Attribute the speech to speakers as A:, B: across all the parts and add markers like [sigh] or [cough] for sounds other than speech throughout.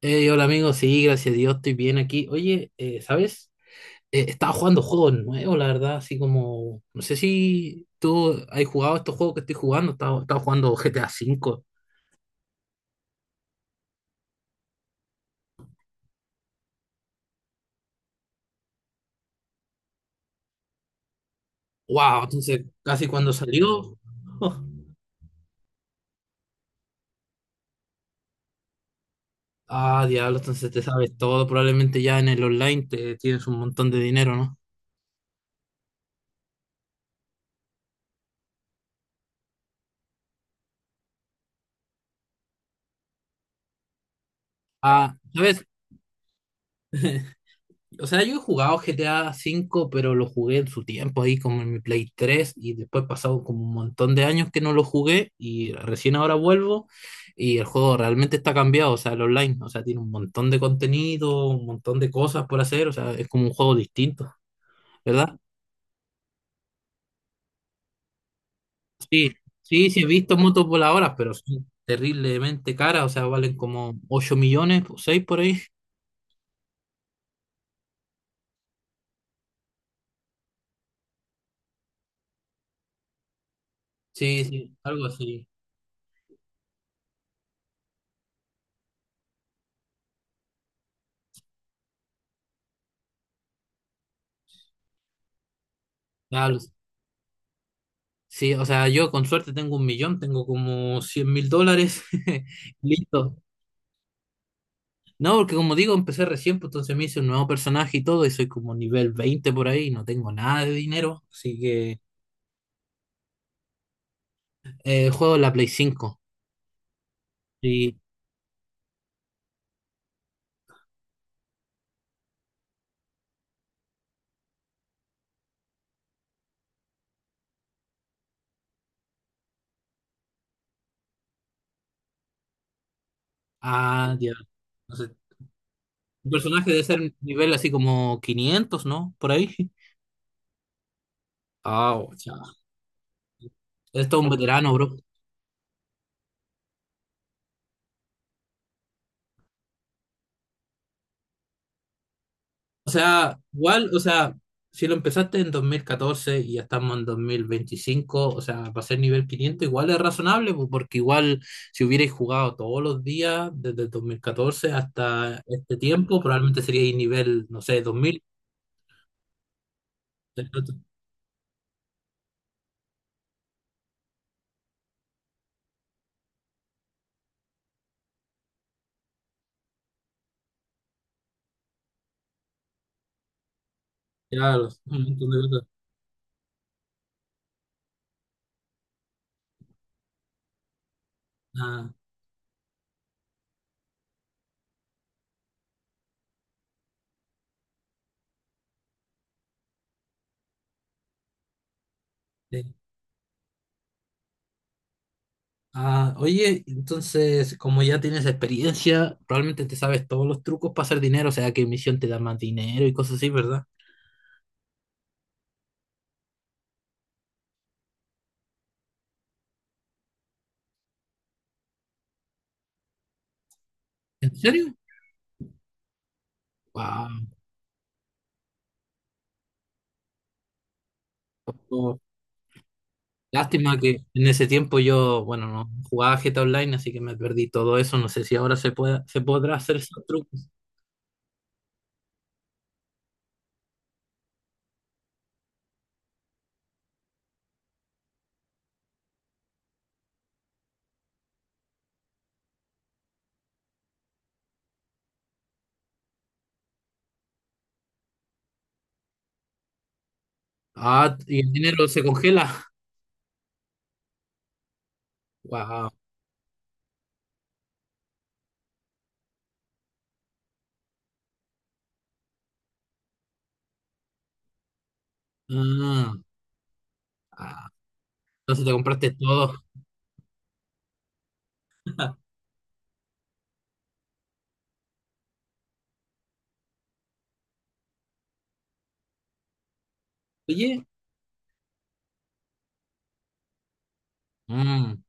A: Hey, hola amigo, sí, gracias a Dios, estoy bien aquí. Oye, ¿sabes? Estaba jugando juegos nuevos, la verdad, así como, no sé si tú has jugado estos juegos que estoy jugando, estaba jugando GTA V. Wow, entonces casi cuando salió. [laughs] Ah, diablo, entonces te sabes todo, probablemente ya en el online te tienes un montón de dinero, ¿no? Ah, ¿sabes? O sea, yo he jugado GTA V, pero lo jugué en su tiempo ahí como en mi Play 3 y después pasado como un montón de años que no lo jugué y recién ahora vuelvo, y el juego realmente está cambiado, o sea, el online, o sea, tiene un montón de contenido, un montón de cosas por hacer, o sea, es como un juego distinto, ¿verdad? Sí, sí, sí he visto motos voladoras, pero son terriblemente caras, o sea, valen como 8 millones, seis por ahí. Sí, sí, algo así. Ya, sí, o sea, yo con suerte tengo un millón, tengo como 100.000 dólares. [laughs] Listo. No, porque como digo, empecé recién, pues entonces me hice un nuevo personaje y todo, y soy como nivel 20 por ahí, no tengo nada de dinero, así que juego en la Play 5. Y, ah, ya. Entonces, un personaje debe ser nivel así como 500, ¿no? Por ahí. [laughs] Ah, o sea, esto es un veterano, bro. O sea, igual, o sea, si lo empezaste en 2014 y ya estamos en 2025, o sea, para ser nivel 500 igual es razonable, pues, porque igual si hubierais jugado todos los días desde el 2014 hasta este tiempo, probablemente seríais nivel, no sé, 2000. Claro, un montón de cosas. Ah, sí. Ah, oye, entonces, como ya tienes experiencia, probablemente te sabes todos los trucos para hacer dinero, o sea, qué misión te da más dinero y cosas así, ¿verdad? ¿En serio? Wow. Lástima que en ese tiempo yo, bueno, no jugaba GTA Online, así que me perdí todo eso. No sé si ahora se puede, se podrá hacer esos trucos. Ah, y el dinero se congela. Wow. Ah, ah, entonces te compraste todo. [laughs] Oye, mm,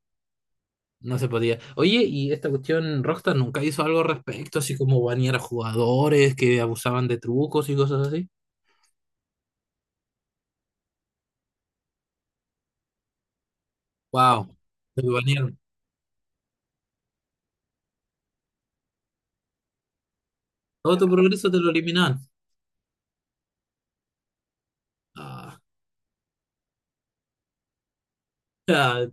A: no se podía. Oye, y esta cuestión, Rockstar nunca hizo algo al respecto, así como banear a jugadores que abusaban de trucos y cosas así. Wow, te banearon. Todo tu progreso te lo eliminaron. Ah, [laughs] ah,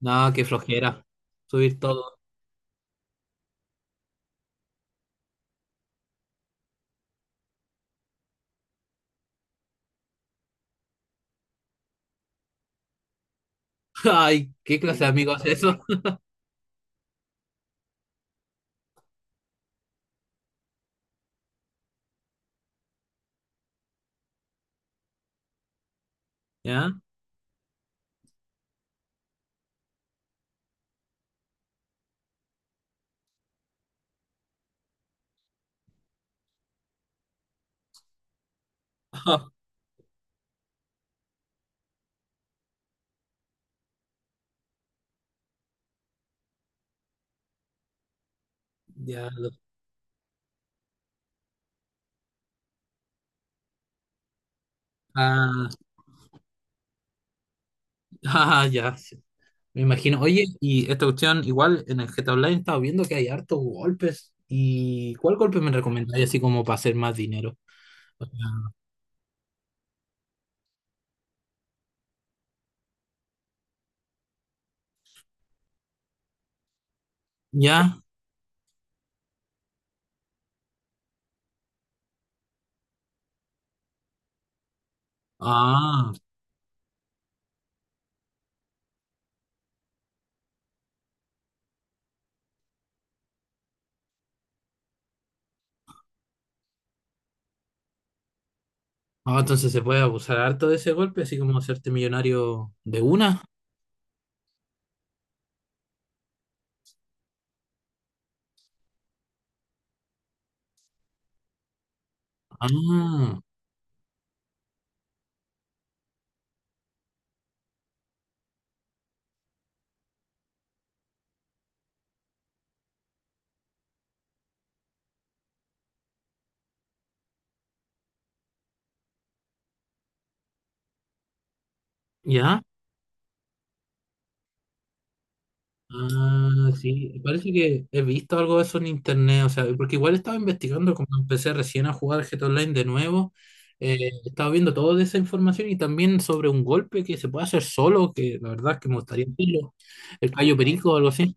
A: no, qué flojera. Subir todo. Ay, ¿qué clase de amigos es eso? ¿Ya? [laughs] Ya, ah, [laughs] ah, ya, sí. Me imagino. Oye, y esta cuestión, igual en el GTA Online estaba viendo que hay hartos golpes. ¿Y cuál golpe me recomendáis así como para hacer más dinero? O sea, ¿ya? Ah, ah, entonces se puede abusar harto de ese golpe, así como hacerte millonario de una. Ah, ¿ya? Ah, sí, parece que he visto algo de eso en internet, o sea, porque igual estaba investigando, como empecé recién a jugar GTA Online de nuevo, estaba viendo toda esa información y también sobre un golpe que se puede hacer solo, que la verdad es que me gustaría verlo, el callo perico o algo así.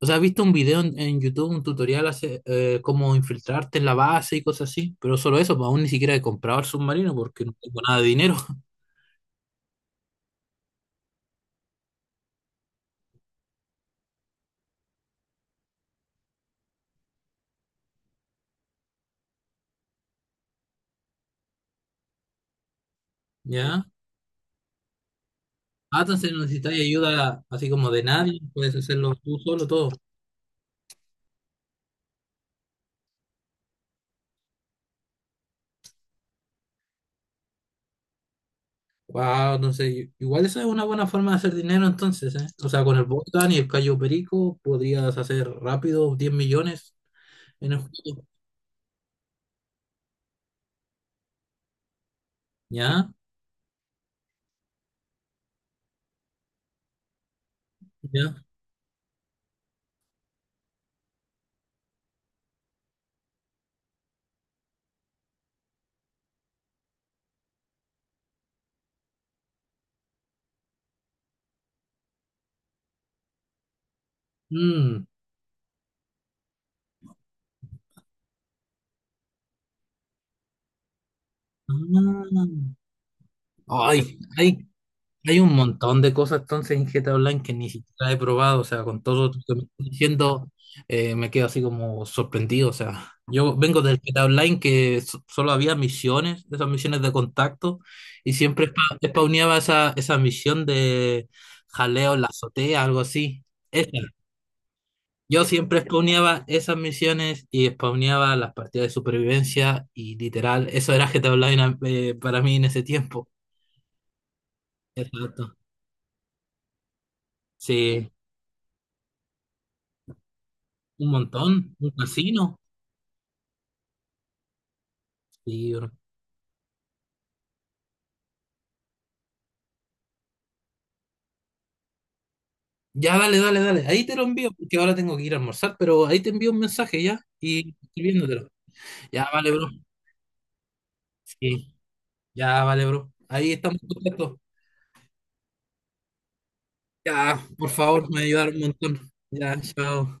A: O sea, he visto un video en YouTube, un tutorial hace cómo infiltrarte en la base y cosas así, pero solo eso, pues aún ni siquiera he comprado el submarino porque no tengo nada de dinero. [laughs] ¿Ya? Ah, entonces necesitáis ayuda así como de nadie, puedes hacerlo tú solo todo. Wow, entonces, igual esa es una buena forma de hacer dinero entonces, ¿eh? O sea, con el Bogdan y el Cayo Perico podrías hacer rápido 10 millones en el juego. ¿Ya? ¿Ya? Mm. Ah. Ay, ay, hay un montón de cosas entonces en GTA Online que ni siquiera he probado, o sea, con todo lo que me estás diciendo, me quedo así como sorprendido, o sea, yo vengo del GTA Online que solo había misiones, esas misiones de contacto, y siempre spawneaba esa misión de jaleo en la azotea, algo así. Esa. Yo siempre spawneaba esas misiones y spawneaba las partidas de supervivencia y literal, eso era GTA Online, para mí en ese tiempo. Exacto. Sí. Un montón, un casino. Sí, bro. Ya, dale, dale, dale. Ahí te lo envío, porque ahora tengo que ir a almorzar, pero ahí te envío un mensaje ya y escribiéndotelo. Ya, vale, bro. Sí, ya, vale, bro. Ahí estamos en contacto. Ya, por favor, me ayudaron un montón. Ya, chao.